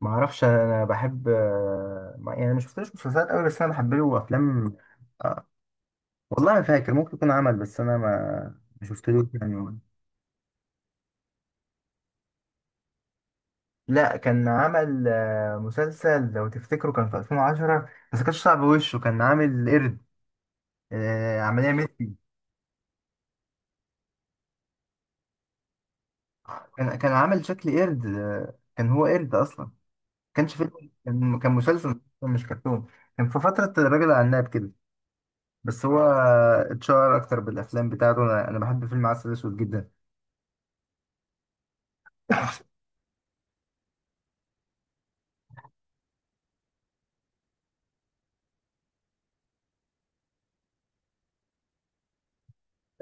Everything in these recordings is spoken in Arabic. ما اعرفش انا بحب ما يعني ما شفتلوش مسلسلات قوي، بس انا بحب له افلام. آه، والله ما فاكر ممكن يكون عمل، بس انا ما شفتلوش يعني. لا، كان عمل مسلسل لو تفتكروا كان في 2010، بس كانش صعب وشه، كان عامل قرد. عملية ميسي. كان عامل شكل قرد. كان هو قرد اصلا. كانش فيلم. كان مسلسل مش كرتون. كان في فترة الراجل العناب كده. بس هو اتشهر اكتر بالافلام بتاعته. أنا بحب فيلم عسل اسود جدا.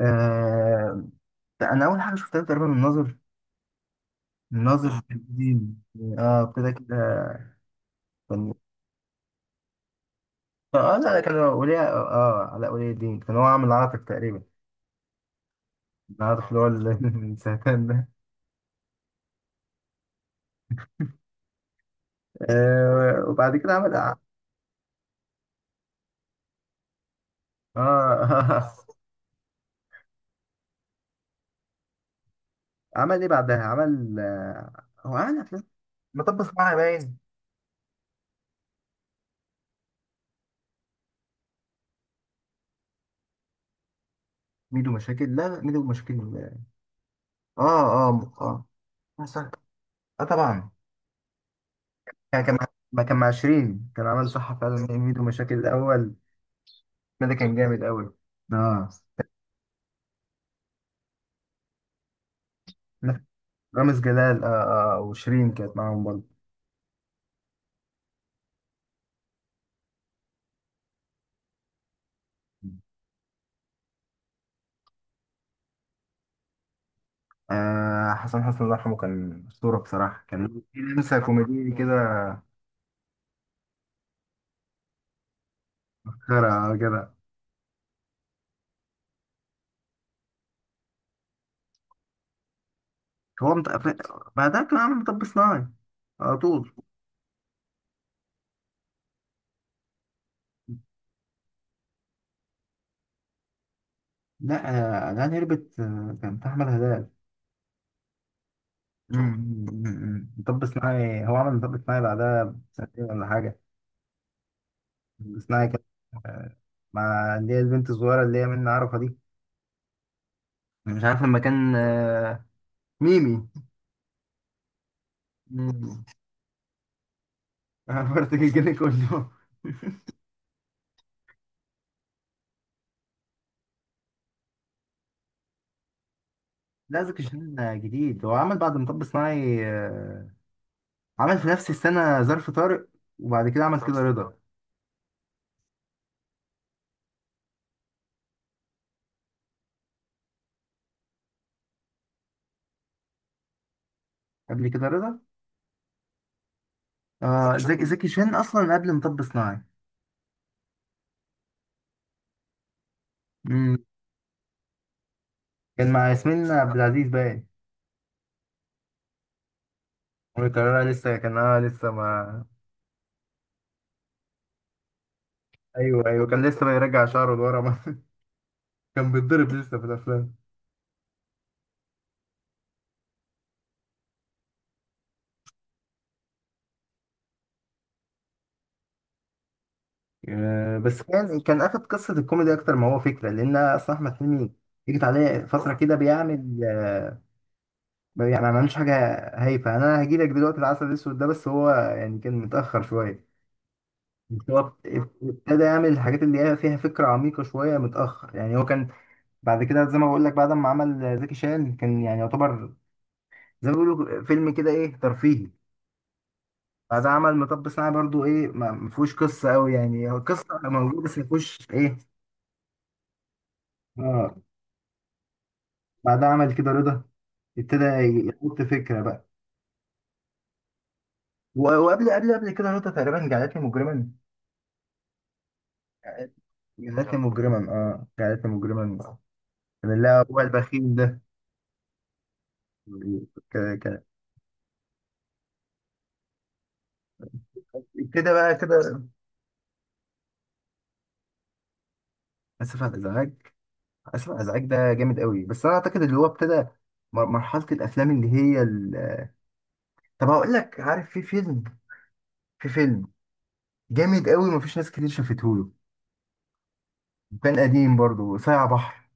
آه. انا اول حاجه شفتها تقريبا الناظر. الناظر الدين. اه، ابتدى كده. كان اه لا، لا، كان ولي اه علاء ولي الدين كان هو عامل عاطف تقريبا. العاطف. اللي هو السرطان ده. وبعد كده عمل آه. عمل ايه بعدها؟ عمل هو عمل افلام. مطب صناعي باين. ميدو مشاكل. لا، لا، ميدو مشاكل. اه، اه، اه. آه، صح. آه، طبعا. ما كان مع شيرين، كان عمل صح فعلا ميدو مشاكل الاول. ده كان جامد قوي. اه. رامز جلال. آه، آه، وشيرين كانت معاهم برضه. آه، حسن، حسن الله يرحمه كان أسطورة بصراحة، كان في لمسة كوميدية كده. خيرة كده. هو مت... بعدها كان عامل مطب صناعي على طول. لا، جعان هربت. كان بتاع احمد هلال. مطب صناعي. هو عمل مطب صناعي بعدها بسنتين ولا حاجة. مطب صناعي كان مع اللي هي البنت الصغيرة اللي هي منى عرفة دي. أنا مش عارف لما كان ميمي. مم. برتجي كله. لا، زكي شان جديد. هو عمل بعد مطب صناعي عمل في نفس السنة ظرف طارق، وبعد كده عمل ظرف كده رضا طارق. قبل كده رضا. زكي شان. زكي شان أصلا قبل مطب صناعي. مم. كان مع ياسمين عبد العزيز باين، وكان لسه، كان لسه ما... ايوه، ايوه، كان لسه بيرجع شعره لورا كان بيتضرب لسه في الافلام. بس كان اخد قصه الكوميدي اكتر ما هو فكره، لان اصلا احمد حلمي جيت عليه فتره كده بيعمل يعني ما عملوش حاجة. هايفة. أنا هجيلك دلوقتي. العسل الأسود ده بس هو يعني كان متأخر شوية. بس هو ابتدى يعمل الحاجات اللي هي فيها فكرة عميقة شوية متأخر، يعني هو كان بعد كده زي ما بقول لك، بعد ما عمل زكي شان كان يعني يعتبر زي ما بيقولوا فيلم كده إيه ترفيهي. بعد عمل مطب صناعي برضو إيه، ما فيهوش قصة أوي، يعني هو قصة موجودة بس ما فيهوش إيه. آه. بعدها عمل كده رضا. ابتدى يحط فكرة بقى. وقبل، قبل قبل كده رضا تقريبا، جعلتني مجرما. جعلتني مجرما، اه، جعلتني مجرما. كان اللي هو البخيل ده. ك- ك- كده بقى، كده. اسف على الازعاج. اسف على الازعاج ده جامد قوي، بس انا اعتقد اللي هو ابتدى مرحله الافلام اللي هي طب هقول لك. عارف في فيلم جامد قوي مفيش ناس كتير شافته له. كان قديم برضه، صايع بحر.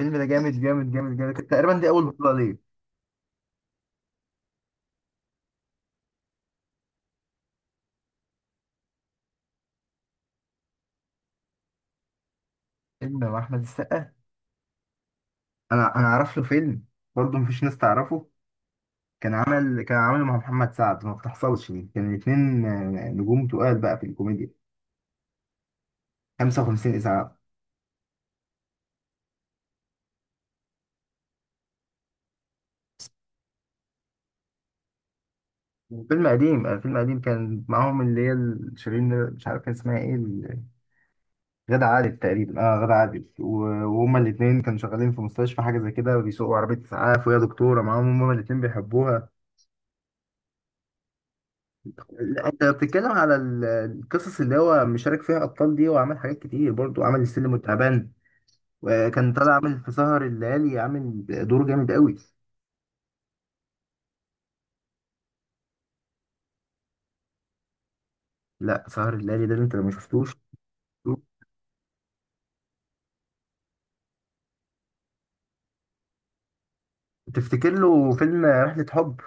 الفيلم ده جامد جامد جامد جامد. كانت تقريبا دي اول بطوله ليه. فيلم مع احمد السقا؟ انا اعرف له فيلم برضه مفيش ناس تعرفه. كان عامله مع محمد سعد ما بتحصلش دي. كان الاتنين نجوم تقال بقى في الكوميديا. 55 إسعاف. فيلم قديم، فيلم قديم كان معاهم اللي هي شيرين، مش عارف كان اسمها ايه، غادة عادل تقريبا. اه غادة عادل، وهما الاتنين كانوا شغالين في مستشفى حاجة زي كده، بيسوقوا عربية إسعاف وهي دكتورة معاهم، هما الاتنين بيحبوها. لا، انت بتتكلم على القصص اللي هو مشارك فيها ابطال دي. وعمل حاجات كتير برضو، عمل السلم والتعبان، وكان طالع عامل في سهر الليالي، عامل دور جامد قوي. لا، سهر الليالي ده اللي انت لو ما شفتوش. تفتكر له فيلم رحلة حب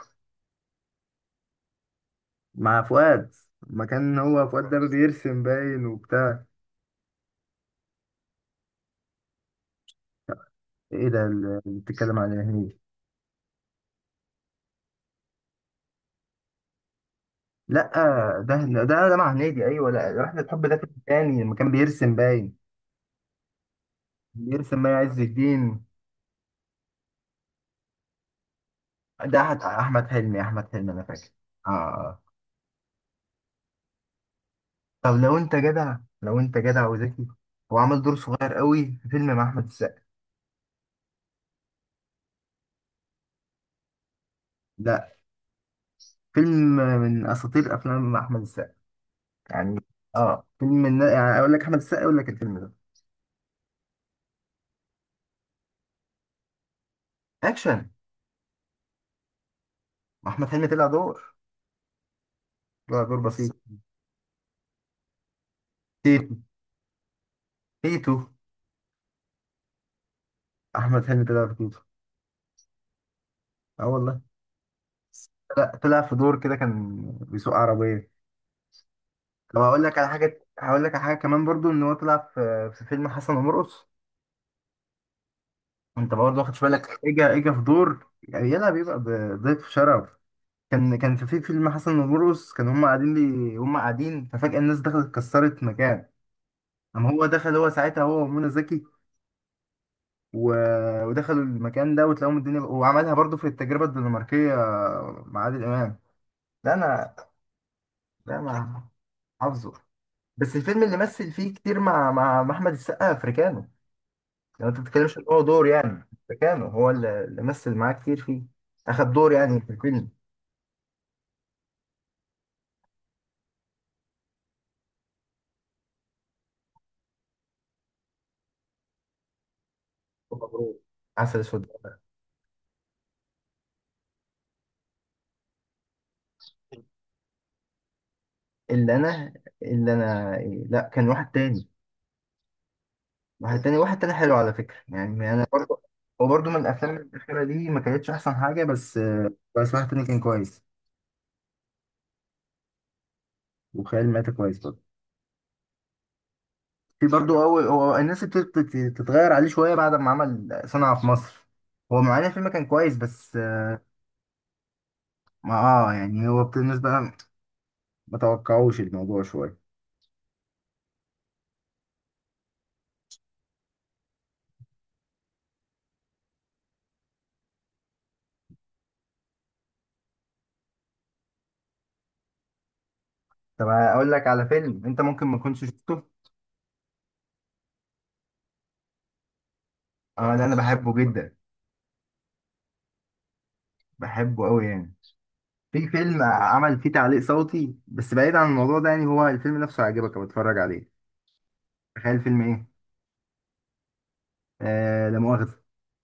مع فؤاد؟ ما كان هو فؤاد ده بيرسم باين وبتاع. ايه ده اللي بتتكلم عليه؟ هنيدي؟ لا، ده، ده مع هنيدي، ايوه. لا، رحلة حب ده فيلم تاني لما كان بيرسم باين. بيرسم باين عز الدين ده احمد حلمي. احمد حلمي، انا فاكر. اه، آه. طب لو انت جدع، لو انت جدع وذكي، هو عمل دور صغير قوي في فيلم مع احمد السقا. لا، فيلم من اساطير افلام مع احمد السقا يعني. اه، فيلم من، يعني اقول لك احمد السقا يقول لك الفيلم ده. اكشن. احمد حلمي طلع دور بسيط. تيتو. تيتو. احمد حلمي طلع في تيتو. اه والله. لا، طلع في دور كده كان بيسوق عربيه. طب هقول لك على حاجه، كمان برضو ان هو طلع في فيلم حسن ومرقص. انت برضه واخدش بالك. اجا في دور، يعني يلا بيبقى ضيف شرف. كان في فيلم حسن ومرقص، كان هم قاعدين لي، هم قاعدين ففجاه الناس دخلت كسرت مكان، اما هو دخل، هو ساعتها، هو ومنى زكي و... ودخلوا المكان ده وتلاقوهم الدنيا. وعملها برضو في التجربة الدنماركية مع عادل إمام. لا أنا لا، ما حافظه. بس الفيلم اللي مثل فيه كتير مع أحمد السقا أفريكانو. يعني أنت ما بتتكلمش إن هو دور يعني. أفريكانو هو اللي مثل معاه كتير فيه. أخد دور يعني في الفيلم. مبروك. عسل أسود. اللي أنا اللي أنا لا، كان واحد تاني. واحد تاني، واحد تاني، حلو على فكرة، يعني أنا برضو هو برضه من الأفلام الأخيرة دي، ما كانتش أحسن حاجة. بس واحد تاني كان كويس، وخيال مآتة كويس برضه. في برضه، أول هو الناس ابتدت تتغير عليه شوية بعد ما عمل صنع في مصر. هو معانا الفيلم كان كويس بس ما اه يعني هو الناس بقى ما توقعوش الموضوع شوية. طب أقول لك على فيلم أنت ممكن ما كنتش شفته. اه، ده أنا بحبه جدا، بحبه أوي يعني. في فيلم عمل فيه تعليق صوتي، بس بعيد عن الموضوع ده، يعني هو الفيلم نفسه عجبك بتفرج عليه. تخيل فيلم إيه؟ لا مؤاخذة.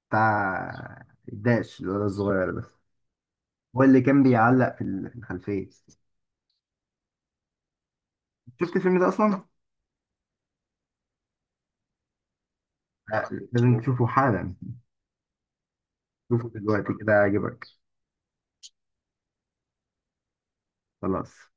بتاع الداش، الولد الصغير ده هو اللي كان بيعلق في في الخلفية. شفت الفيلم ده اصلا؟ لا، لازم تشوفه حالا. شوفه دلوقتي كده هيعجبك. خلاص.